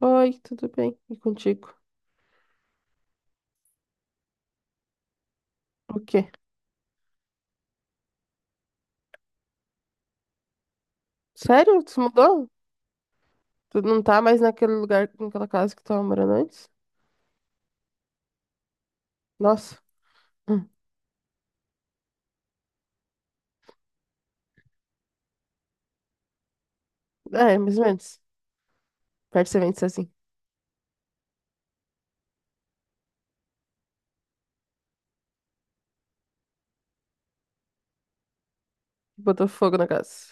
Oi, tudo bem? E contigo? O quê? Sério? Tu se mudou? Tu não tá mais naquele lugar, naquela casa que tu tava morando antes? Nossa. Hum. É, mais ou menos. Percebente assim. Botou fogo na casa.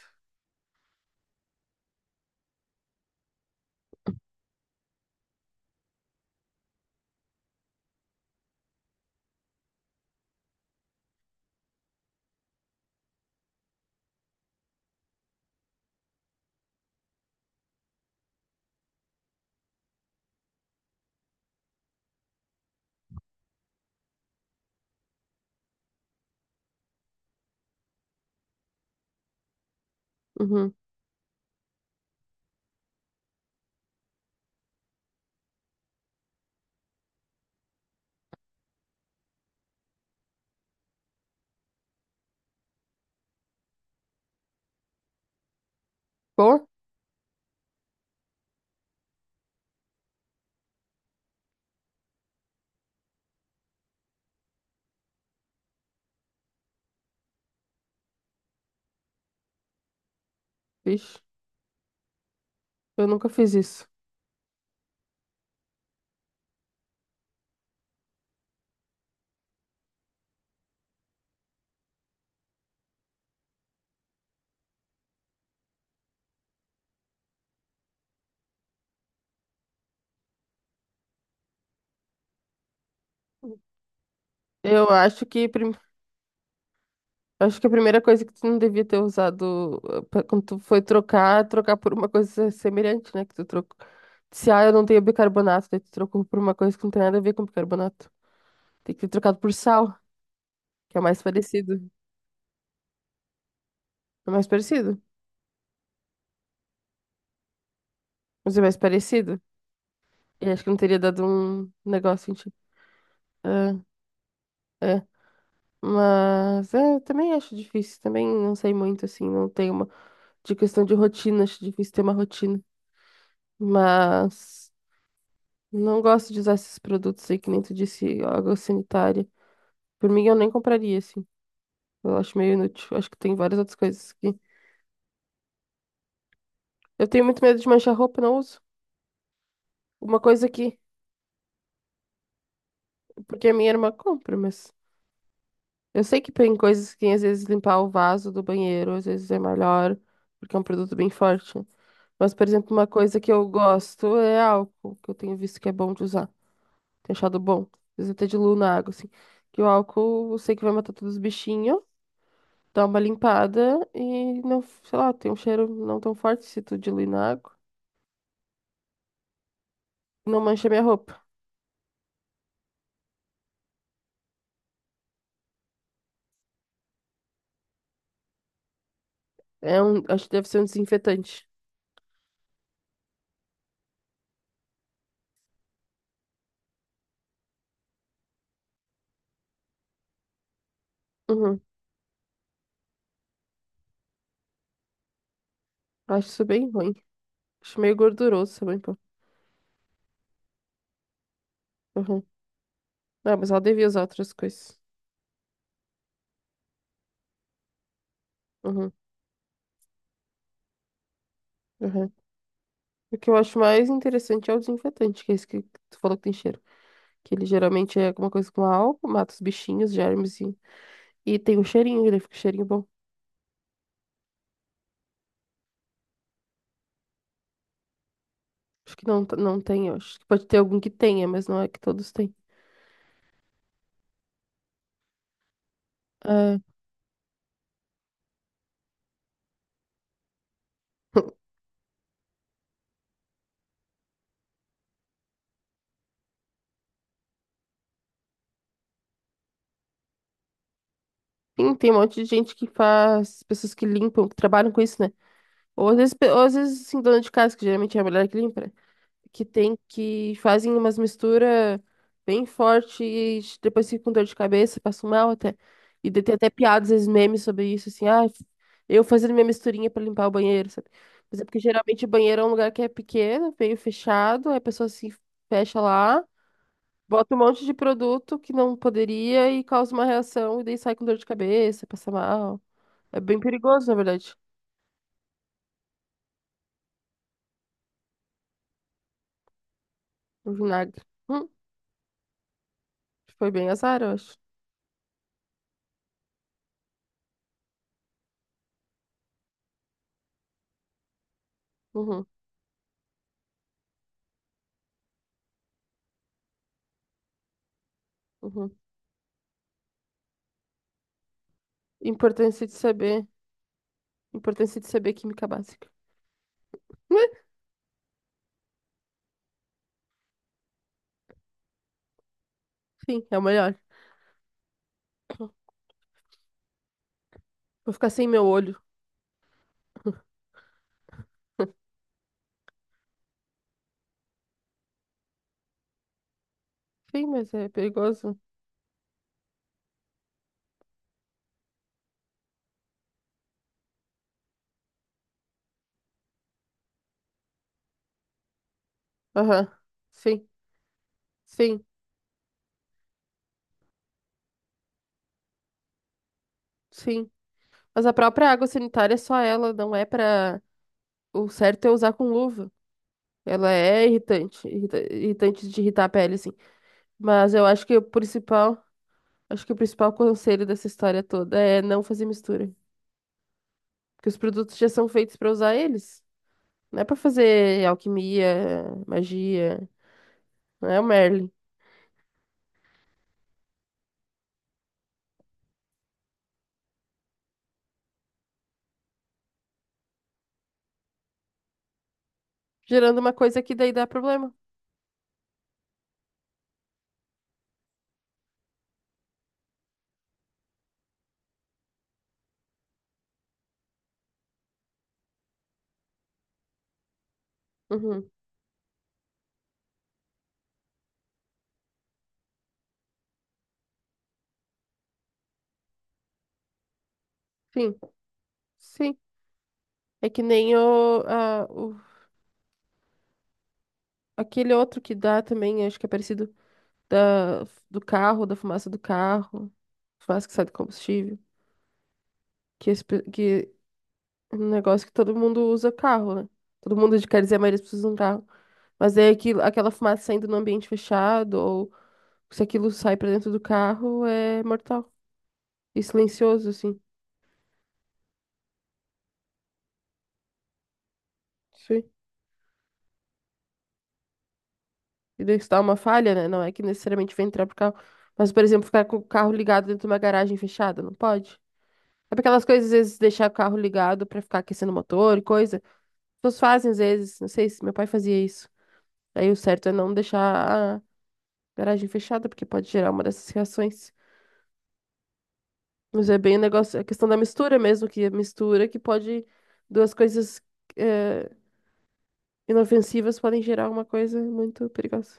Uhum. Bom? Vixe, eu nunca fiz isso. Eu acho que, prim... acho que a primeira coisa que tu não devia ter usado pra- quando tu foi trocar, é trocar por uma coisa semelhante, né? Que tu trocou. Se, ah, eu não tenho bicarbonato, daí tu trocou por uma coisa que não tem nada a ver com bicarbonato. Tem que ter trocado por sal, que é mais parecido. É mais parecido. Mas é mais parecido. E acho que não teria dado um negócio em tipo. É, é. Mas é, eu também acho difícil. Também não sei muito, assim. Não tenho uma. De questão de rotina, acho difícil ter uma rotina. Mas não gosto de usar esses produtos aí, que nem tu disse, água sanitária. Por mim, eu nem compraria, assim. Eu acho meio inútil. Acho que tem várias outras coisas que. Eu tenho muito medo de manchar roupa, não uso. Uma coisa que. Porque a minha irmã compra, mas. Eu sei que tem coisas que às vezes limpar o vaso do banheiro, às vezes é melhor, porque é um produto bem forte. Mas, por exemplo, uma coisa que eu gosto é álcool, que eu tenho visto que é bom de usar. Tenho achado bom. Às vezes até diluo na água, assim. Que o álcool, eu sei que vai matar todos os bichinhos, dá uma limpada e não, sei lá, tem um cheiro não tão forte se tu diluir na água. Não mancha minha roupa. É um, acho que deve ser um desinfetante. Uhum. Acho isso bem ruim. Acho meio gorduroso essa limpa. Uhum. Não, mas ela devia usar outras coisas. Uhum. Uhum. O que eu acho mais interessante é o desinfetante, que é esse que tu falou que tem cheiro. Que ele geralmente é alguma coisa com álcool, mata os bichinhos, germes e tem um cheirinho, ele fica um cheirinho bom. Acho que não, não tem, eu acho que pode ter algum que tenha, mas não é que todos têm. É. Sim, tem um monte de gente que faz, pessoas que limpam, que trabalham com isso, né? Ou às vezes, pe- ou às vezes assim, dona de casa, que geralmente é a mulher que limpa. Né? Que tem que fazem umas misturas bem fortes, depois fica com dor de cabeça, passo mal até. E daí tem até piadas, esses memes sobre isso, assim, ah, eu fazendo minha misturinha pra limpar o banheiro, sabe? Mas é porque geralmente o banheiro é um lugar que é pequeno, meio fechado, aí a pessoa se fecha lá, bota um monte de produto que não poderia e causa uma reação, e daí sai com dor de cabeça, passa mal. É bem perigoso, na verdade, o vinagre. Hum, foi bem azar, eu acho. Uhum, uhum. Importância de saber. Importância de saber química básica. Sim, é o melhor. Vou ficar sem meu olho. Sim, mas é perigoso. Aham. Sim, sim, sim. Mas a própria água sanitária, só ela, não é pra. O certo é usar com luva. Ela é irritante, irrita- irritante de irritar a pele, assim. Mas eu acho que o principal, acho que o principal conselho dessa história toda é não fazer mistura. Porque os produtos já são feitos pra usar eles. Não é pra fazer alquimia, magia, não é o Merlin. Gerando uma coisa que daí dá problema. Uhum. Sim, sim. É que nem o, a- o- aquele outro que dá também, acho que é parecido da, do carro, da fumaça do carro, fumaça que sai do combustível, que, esse pe- que é um negócio que todo mundo usa carro, né? Todo mundo, quer dizer, a maioria das pessoas usa um carro. Mas é aquilo, aquela fumaça saindo no ambiente fechado, ou se aquilo sai pra dentro do carro, é mortal. E silencioso, assim. Identificar uma falha, né? Não é que necessariamente vai entrar pro carro. Mas, por exemplo, ficar com o carro ligado dentro de uma garagem fechada, não pode? É pra aquelas coisas, às vezes, deixar o carro ligado pra ficar aquecendo o motor e coisa. As pessoas fazem, às vezes, não sei se meu pai fazia isso. Aí o certo é não deixar a garagem fechada, porque pode gerar uma dessas reações. Mas é bem o negócio, a questão da mistura mesmo, que a mistura que pode, duas coisas eh, inofensivas podem gerar uma coisa muito perigosa.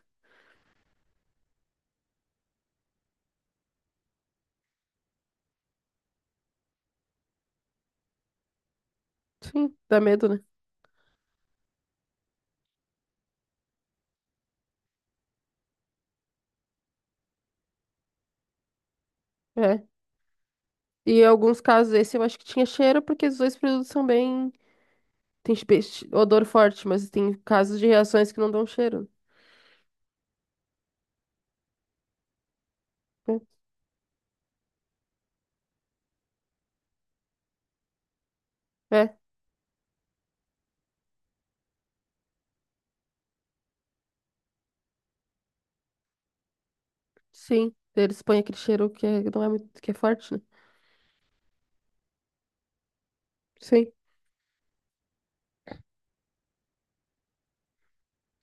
Sim, dá medo, né? É. E em alguns casos esse eu acho que tinha cheiro, porque os dois produtos são bem. Tem espe- odor forte, mas tem casos de reações que não dão cheiro. É, é, sim. Eles põem aquele cheiro que é- não é muito, que é forte, né? Sim.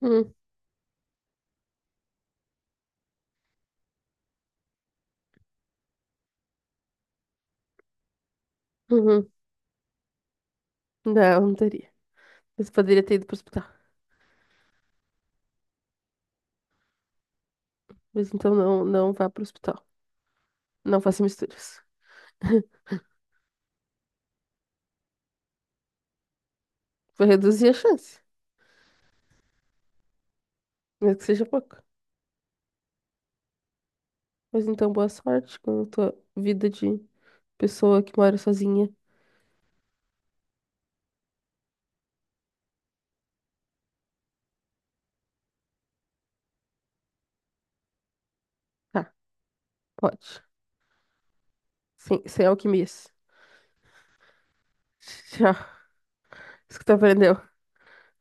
Hum, uhum. Não, não teria. Mas poderia ter ido pro hospital. Mas então não, não vá pro hospital. Não faça misturas. Vou reduzir a chance, mesmo que seja pouco. Mas então boa sorte com a tua vida de pessoa que mora sozinha. Tá, pode. Sem, sem alquimias. Tchau. Isso que tu aprendeu.